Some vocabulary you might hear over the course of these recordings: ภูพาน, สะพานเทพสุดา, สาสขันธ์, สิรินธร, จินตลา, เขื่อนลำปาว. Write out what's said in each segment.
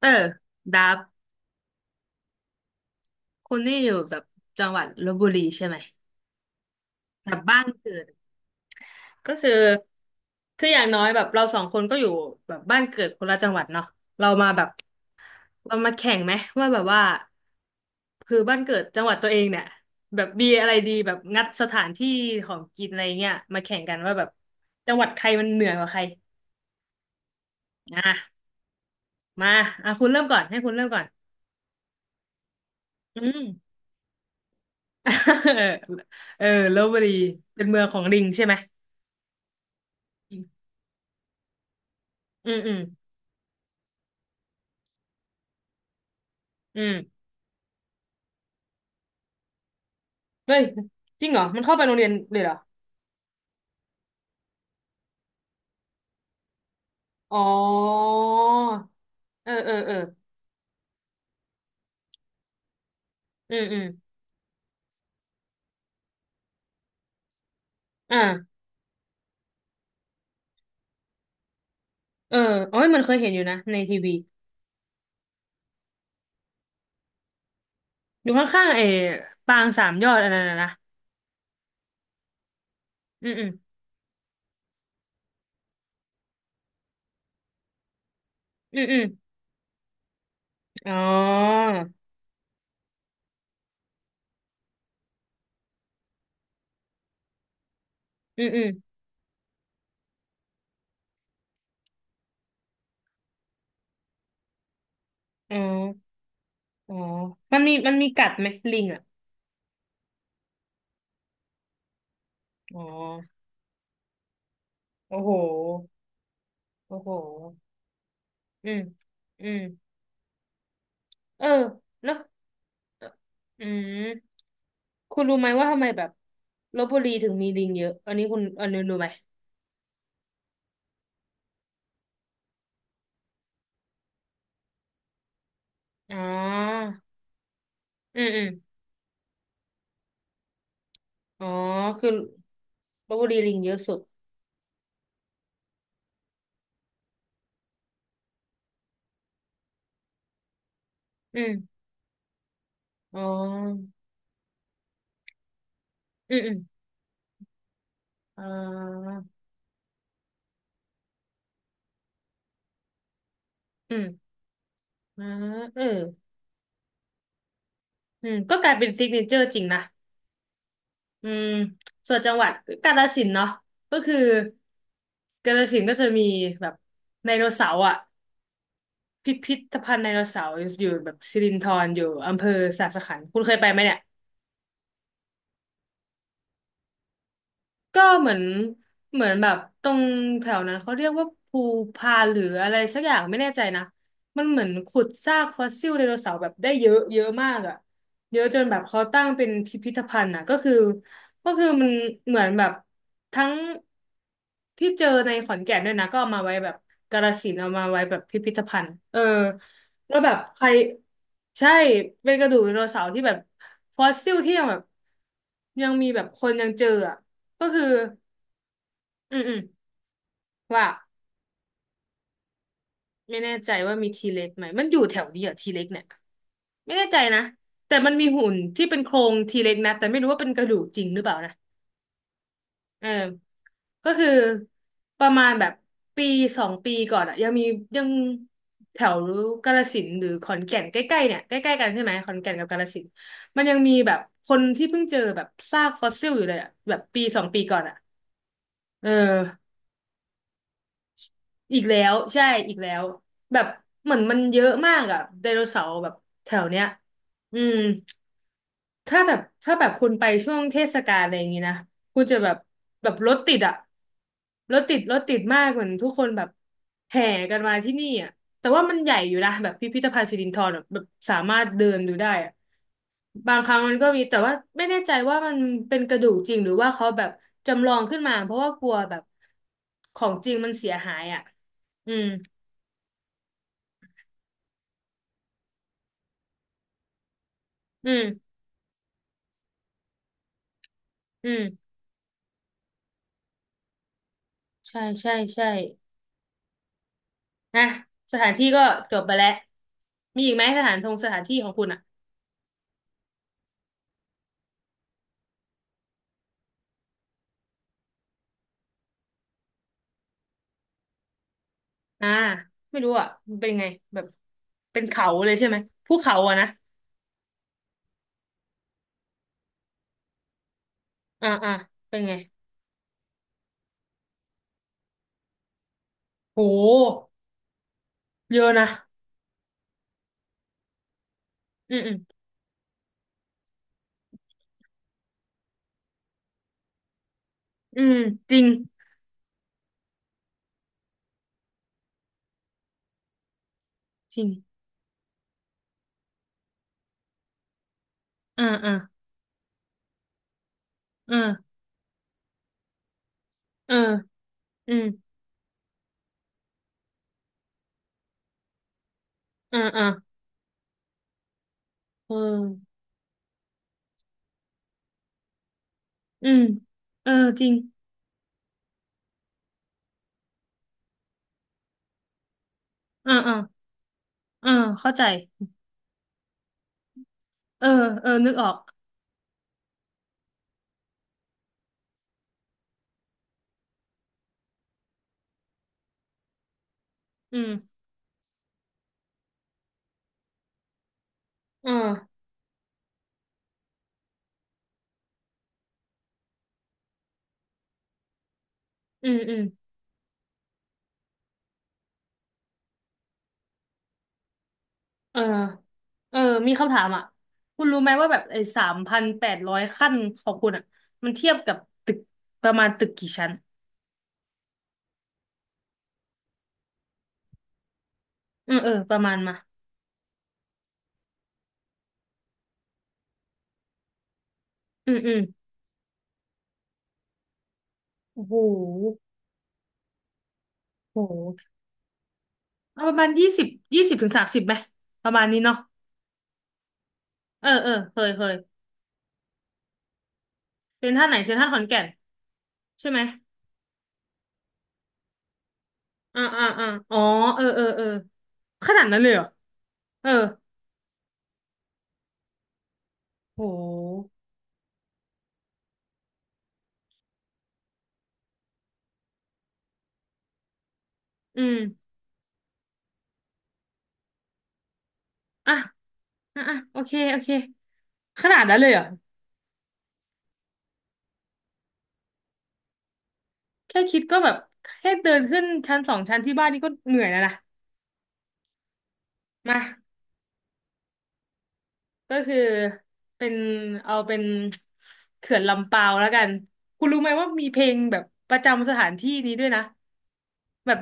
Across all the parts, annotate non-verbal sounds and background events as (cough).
เออดับคุณนี่อยู่แบบจังหวัดลพบุรีใช่ไหมแบบบ้านเกิดก็คือคืออย่างน้อยแบบเราสองคนก็อยู่แบบบ้านเกิดคนละจังหวัดเนาะเรามาแบบเรามาแข่งไหมว่าแบบว่าคือบ้านเกิดจังหวัดตัวเองเนี่ยแบบมีอะไรดีแบบงัดสถานที่ของกินอะไรเงี้ยมาแข่งกันว่าแบบจังหวัดใครมันเหนือกว่าใครอ่ะมาอ่ะคุณเริ่มก่อนให้คุณเริ่มก่อนอืม (laughs) เออลพบุรีเป็นเมืองของลิงใช่ไหม อืมอืมอืมเฮ้ยจริงเหรอมันเข้าไปโรงเรียนเลยเหรออ๋อเออเออเอออืมอืมอ่าเออโอ้ยมันเคยเห็นอยู่นะในทีวีอยู่ข้างๆไอ้ปางสามยอดอันนั้นนะนะอืมอืมอืมอืมอ๋ออืมอืมอ๋ออ๋อมันมีมันมีกัดไหมลิงอ่ะอ๋อโอ้โหโอ้โหอืมอืมเออแล้ว อืมคุณรู้ไหมว่าทำไมแบบลพบุรีถึงมีลิงเยอะอันนี้คุณอันนี้รู้ไหมอ๋ออืมอืมอ๋อคือลพบุรีลิงเยอะสุดอืมอ๋ออืมอืมอ่าอืมอ่าเอออืมก็กลายเป็นซิกเนเจอร์จริงนะอืมส่วนจังหวัดกาฬสินธุ์เนาะก็คือกาฬสินธุ์ก็จะมีแบบไดโนเสาร์อ่ะ พิพิธภัณฑ์ไดโนเสาร์อยู่แบบสิรินธรอยู่อำเภอสาสขันธ์คุณเคยไปไหมเนี่ย ก็เหมือนเหมือนแบบตรงแถวนั้นเขาเรียกว่าภูพานหรืออะไรสักอย่างไม่แน่ใจนะมันเหมือนขุดซากฟอสซิลไดโนเสาร์แบบได้เยอะเยอะมากอ่ะเยอะจนแบบเขาตั้งเป็นพิพิธภัณฑ์อ่ะก็คือก็คือมันเหมือนแบบทั้งที่เจอในขอนแก่นด้วยนะก็เอามาไว้แบบกาฬสินธุ์เอามาไว้แบบพิพิธภัณฑ์เออแล้วแบบใครใช่เป็นกระดูกไดโนเสาร์ที่แบบฟอสซิลที่ยังแบบยังมีแบบคนยังเจออ่ะ ก็คืออืมอืมว่าไม่แน่ใจว่ามีทีเล็กไหมมันอยู่แถวนี้เหรอ่ะทีเล็กเนี่ยไม่แน่ใจนะแต่มันมีหุ่นที่เป็นโครงทีเล็กนะแต่ไม่รู้ว่าเป็นกระดูกจริงหรือเปล่านะเออก็คือประมาณแบบปีสองปีก่อนอะยังมียังแถวกาฬสินธุ์หรือขอนแก่นใกล้ๆเนี่ยใกล้ๆกันใช่ไหมขอนแก่นกับกาฬสินธุ์มันยังมีแบบคนที่เพิ่งเจอแบบซากฟอสซิลอยู่เลยอะแบบปีสองปีก่อนอะเออ อีกแล้วใช่ อีกแล้วแบบเหมือนมันเยอะมากอะไดโนเสาร์แบบแถวเนี้ยอืม ถ้าแบบถ้าแบบคุณไปช่วงเทศกาลอะไรอย่างงี้นะคุณจะแบบแบบรถติดอะรถติดรถติดมากเหมือนทุกคนแบบแห่กันมาที่นี่อะแต่ว่ามันใหญ่อยู่นะแบบพิพิธภัณฑ์สิรินธรแบบแบบสามารถเดินดูได้อะบางครั้งมันก็มีแต่ว่าไม่แน่ใจว่ามันเป็นกระดูกจริงหรือว่าเขาแบบจำลองขึ้นมาเพราะว่ากลัวแบบของจริงมันเสียหายอะอืมอืมอืมใช่ใช่ใช่ น่ะสถานที่ก็จบไปแล้วมีอีกไหมสถานทงสถานที่ของคุณอ่ะอ่าไม่รู้อ่ะมันเป็นไงแบบเป็นเขาเลยใช่ไหมภูเขาอ่ะนะอ่าอ่าเป็นไงโหเยอะนะอืมอืมอืมจริงจริงอ่าอ่าอ่าเอออืมอ่าอ่าเอออืมเออจริงอ่าอ่าอ่าเข้าใจเออเออนึกออกอืมเอออืมอืม เออเออมีคำถามอ่ะคุณรู้ไหมว่าแบบไอ้3,800ขั้นของคุณอ่ะมันเทียบกับตึกประมาณตึกกี่ชั้นอืมเออประมาณมาอืมอืมโอ้โหโอ้โหเอาประมาณยี่สิบ20 ถึง 30ไหมประมาณนี้เนาะเออเออเคยเคยเป็นท่าไหนเซ็นทรัลขอนแก่นใช่ไหมอ่าอ่าอ่าอ๋อเออเออเออขนาดนั้นเลยเหรอเออโหอืมอ่ะอ่ะอ่ะโอเคโอเคขนาดนั้นเลยเหรอ แค่คิดก็แบบแค่เดินขึ้นชั้น2 ชั้นที่บ้านนี่ก็เหนื่อยแล้วนะมาก็คือเป็นเอาเป็นเขื่อนลำปาวแล้วกันคุณรู้ไหมว่ามีเพลงแบบประจำสถานที่นี้ด้วยนะแบบ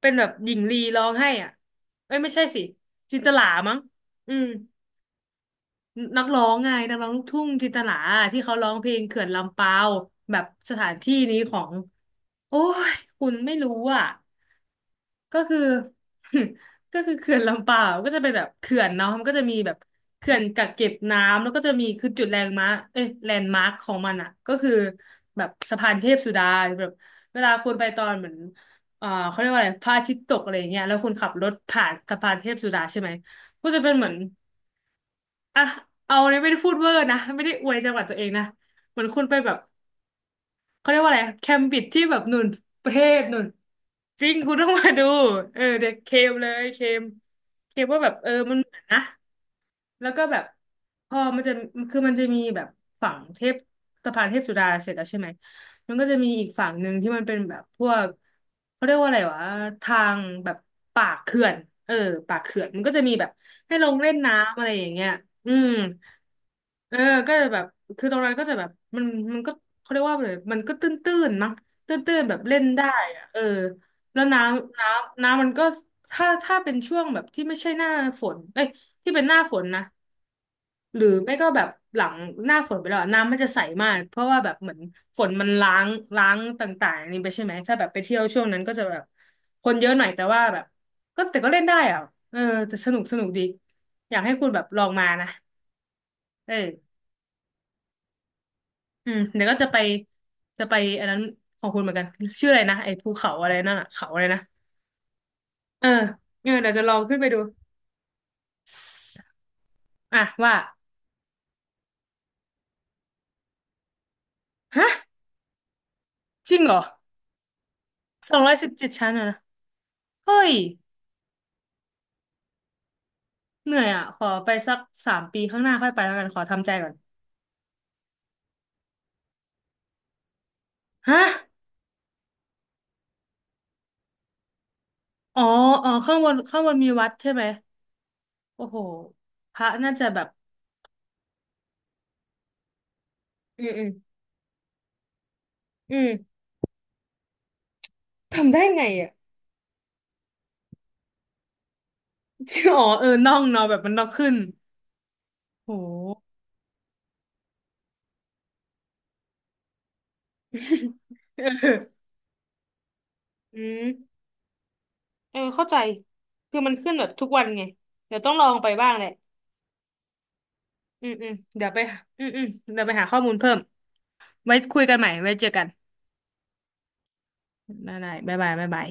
เป็นแบบหญิงลีร้องให้อ่ะเอ้ยไม่ใช่สิจินตลามั้งอืมนักร้องไงนักร้องลูกทุ่งจินตลาที่เขาร้องเพลงเขื่อนลำปาวแบบสถานที่นี้ของโอ้ยคุณไม่รู้อ่ะ ก็คือ (laughs) ก็คือเขื่อนลำเปล่าก็จะเป็นแบบเขื่อนเนาะมันก็จะมีแบบเขื่อนกักเก็บน้ำแล้วก็จะมีคือจุดแลนด์มาร์คเอ้ยแลนด์มาร์คของมันอะก็คือแบบสะพานเทพสุดาแบบเวลาคุณไปตอนเหมือนเขาเรียกว่าอะไรพระอาทิตย์ตกอะไรอย่างเงี้ยแล้วคุณขับรถผ่านสะพานเทพสุดาใช่ไหมก็จะเป็นเหมือนอ่ะเอาเนี่ยไม่ได้พูดเวอร์นะไม่ได้อวยจังหวัดตัวเองนะเหมือนคุณไปแบบ เขาเรียกว่าอะไร แคมบิดที่แบบหนุนประเทศหนุนจริงคุณต้องมาดู เออเด็กเคมเลยเคมว่าแบบเออมันเหมือนนะ แล้วก็แบบพอมันจะคือมันจะมีแบบฝั่งเทพสะพานเทพสุดาเสร็จแล้วใช่ไหมมันก็จะมีอีกฝั่งหนึ่งที่มันเป็นแบบพวกเขาเรียกว่าอะไรวะทางแบบปากเขื่อนเออปากเขื่อนมันก็จะมีแบบให้ลงเล่นน้ำอะไรอย่างเงี้ยอืมเออก็จะแบบคือตรงนั้นก็จะแบบมันมันก็เขาเรียกว่าอะไรมันก็ตื้นๆมั้งตื้นๆแบบเล่นได้อะเออแล้วน้ำมันก็ถ้าเป็นช่วงแบบที่ไม่ใช่หน้าฝนเอ้ย ที่เป็นหน้าฝนนะหรือไม่ก็แบบหลังหน้าฝนไปแล้วอะน้ำมันจะใสมากเพราะว่าแบบเหมือนฝนมันล้างต่างๆอันนี่ไปใช่ไหมถ้าแบบไปเที่ยวช่วงนั้นก็จะแบบคนเยอะหน่อยแต่ว่าแบบก็แต่ก็เล่นได้อ่ะเออแต่สนุกดีอยากให้คุณแบบลองมานะเอออืมเดี๋ยวก็จะไปจะไปอันนั้นของคุณเหมือนกันชื่ออะไรนะไอ้ภูเขาอะไรนั่นอ่ะเขาอะไรนะเออเออเดี๋ยวจะลองขึ้นไปดูสอ่ะว่าฮะจริงเหรอ217ชั้นอะนะเฮ้ย เหนื่อยอ่ะขอไปสัก3 ปีข้างหน้าค่อยไปแล้วกันขอทำใจก่อนฮะอ๋ออ๋อข้างบนมีวัดใช่ไหมโอ้โหพระน่าจะแบบอืมอืมอืมทำได้ไงอ่ะ (laughs) อ๋อเออน่องเนาะแบบมันน่องขึ้นโห (laughs) เอออืมเออเข้าใจคือมันขึ้นแบบทุกวันไงเดี๋ยวต้องลองไปบ้างแหละอืมอืมเดี๋ยวไปอืมอืมเดี๋ยวไปหาข้อมูลเพิ่มไว้คุยกันใหม่ไว้เจอกันได้ได้บ๊ายบายบ๊ายบาย